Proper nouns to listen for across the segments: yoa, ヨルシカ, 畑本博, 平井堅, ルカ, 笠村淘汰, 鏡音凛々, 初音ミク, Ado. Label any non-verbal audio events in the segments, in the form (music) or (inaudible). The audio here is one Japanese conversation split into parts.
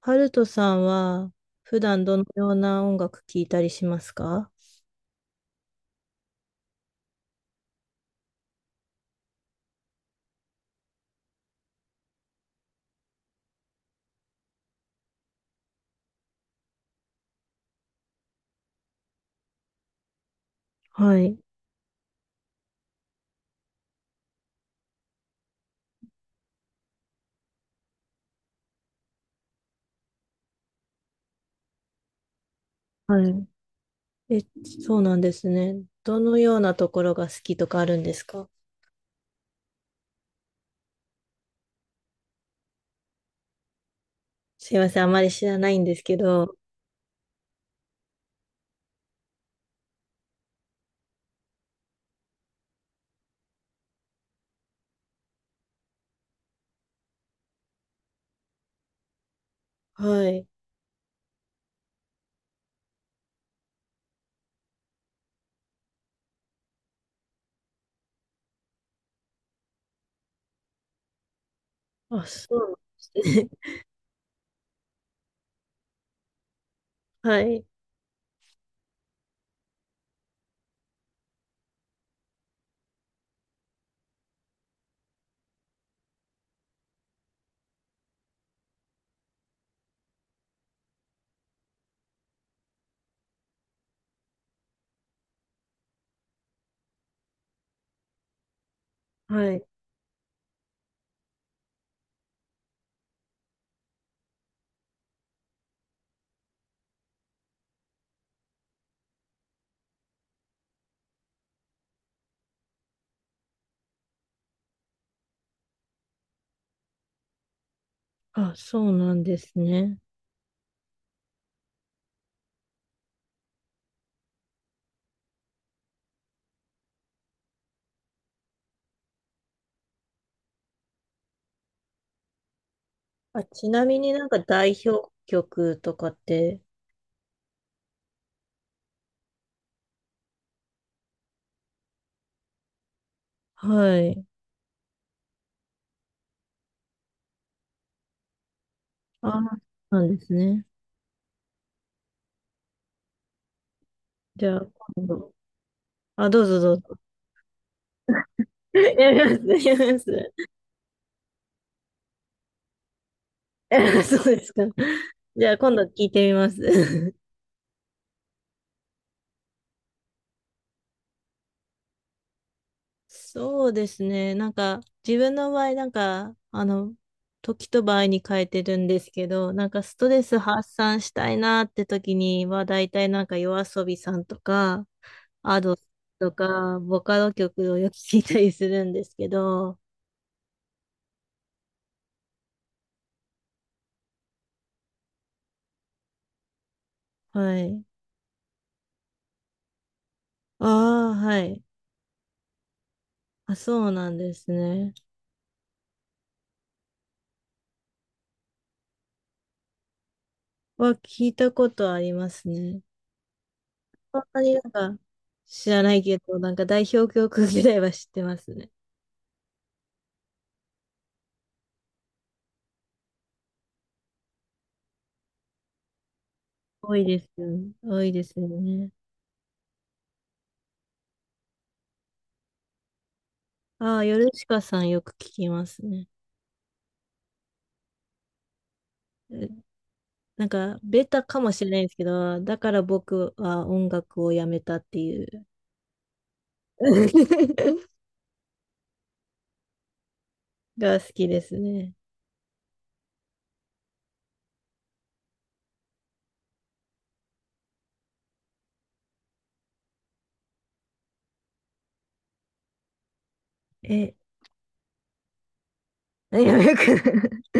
ハルトさんは普段どのような音楽聴いたりしますか？はい。はい。え、そうなんですね。どのようなところが好きとかあるんですか？すいません、あまり知らないんですけど。はい。あ、そうなんですね。(laughs) はい。はい。あ、そうなんですね。あ、ちなみになんか代表曲とかって。はい。あ、そうなんですね。じゃあ、今度。あ、どうぞどうぞ。(laughs) やります、やります。(laughs) そうですか。じゃあ今度聞いてみます。(laughs) そうですね。なんか自分の場合、時と場合に変えてるんですけど、なんかストレス発散したいなって時には、大体なんか y o a さんとか、Ado とか、ボカロ曲をよく聞いたりするんですけど、はい。ああ、はい。あ、そうなんですね。は聞いたことありますね。そんなになんか知らないけど、なんか代表曲ぐらいは知ってますね。多いですよね。多いですよね。ああ、ヨルシカさんよく聞きますね。え、なんか、ベタかもしれないですけど、だから僕は音楽をやめたっていう (laughs) が好きですね。え、何がよく。 (laughs)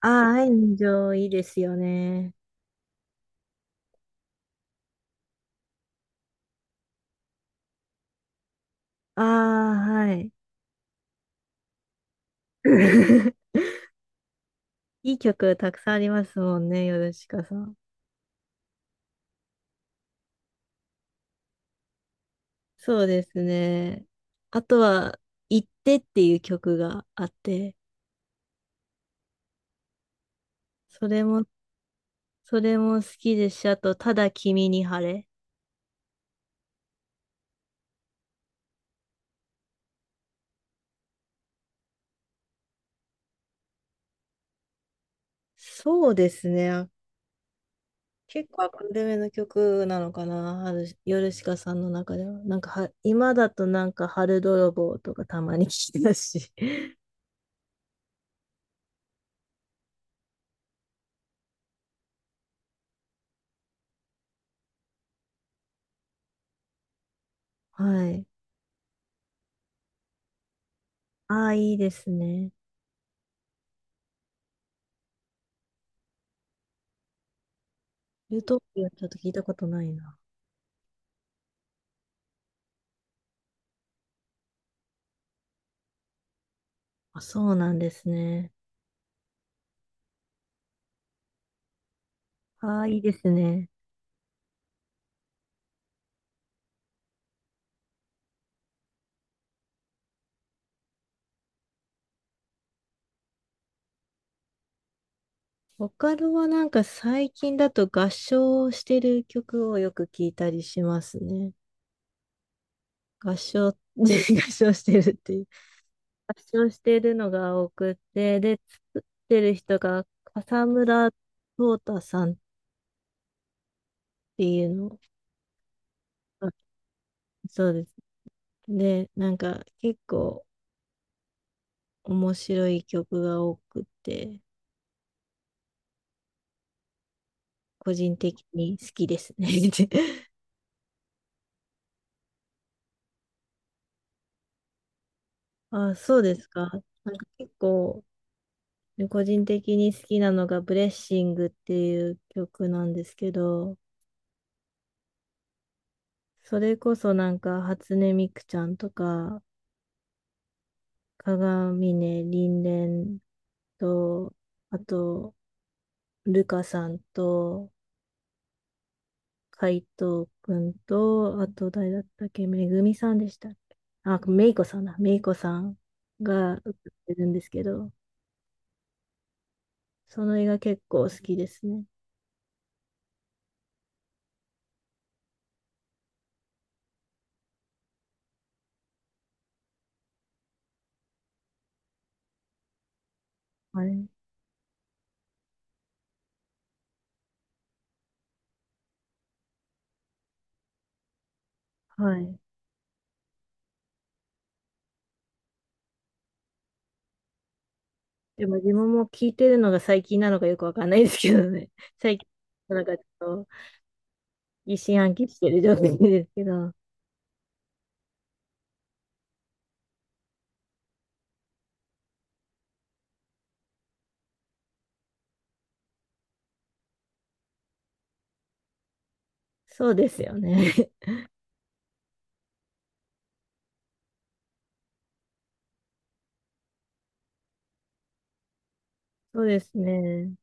ああ、愛の情いいですよね。ああ、はい。(laughs) いい曲たくさんありますもんね、ヨルシカさん。そうですね。あとは、行ってっていう曲があって、それも、それも好きですし、あと、ただ君に晴れ。そうですね。結構アカデミーの曲なのかな、春ヨルシカさんの中では。なんかは、今だとなんか、春泥棒とかたまに聞いてたし。(laughs) はい。ああ、いいですね。ルートピアちょっと聞いたことないな。あ、そうなんですね。ああ、いいですね。ボカロはなんか最近だと合唱をしてる曲をよく聞いたりしますね。合唱、(laughs) 合唱してるっていう。合唱してるのが多くて、で、作ってる人が笠村淘汰さんっていうの。あ、そうです。で、なんか結構面白い曲が多くて、個人的に好きですね。(laughs) あ、そうですか。なんか結構で個人的に好きなのがブレッシングっていう曲なんですけど、それこそなんか初音ミクちゃんとか、鏡音凛々と、あと、ルカさんと、海藤くんと、あと誰だったっけ、めぐみさんでしたっけ。あ、めいこさんだ。めいこさんが歌ってるんですけど、その映画結構好きですね。あれ。はい。でも自分も聞いてるのが最近なのかよくわかんないですけどね。(laughs) 最近、なんかちょっと疑心暗鬼してる状態ですけど、そうですよね。(laughs) そうですね。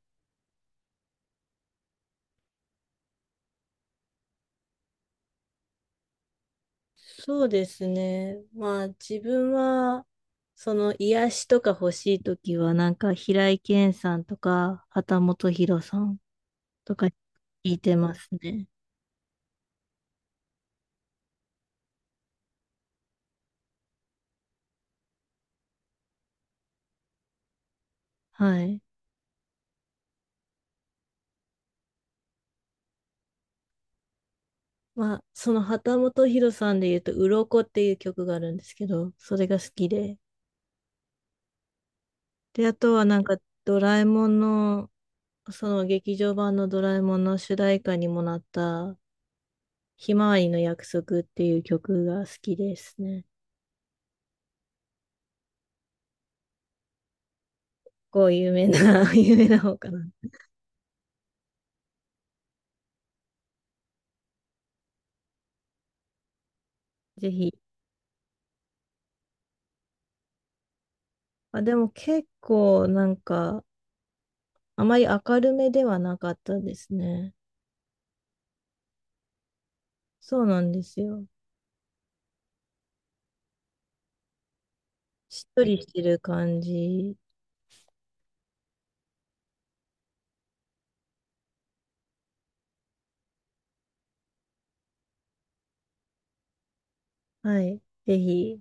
そうですね。まあ自分は、その癒しとか欲しいときは、なんか平井堅さんとか、畑本博さんとか聞いてますね。はい。まあその畑本博さんで言うと、鱗っていう曲があるんですけど、それが好きで、で、あとはなんか、ドラえもんの、その劇場版のドラえもんの主題歌にもなった、ひまわりの約束っていう曲が好きですね。こう有名な、(laughs) 有名な方かな。ぜひ。あ、でも結構なんか、あまり明るめではなかったですね。そうなんですよ。しっとりしてる感じ。はい。ぜひ。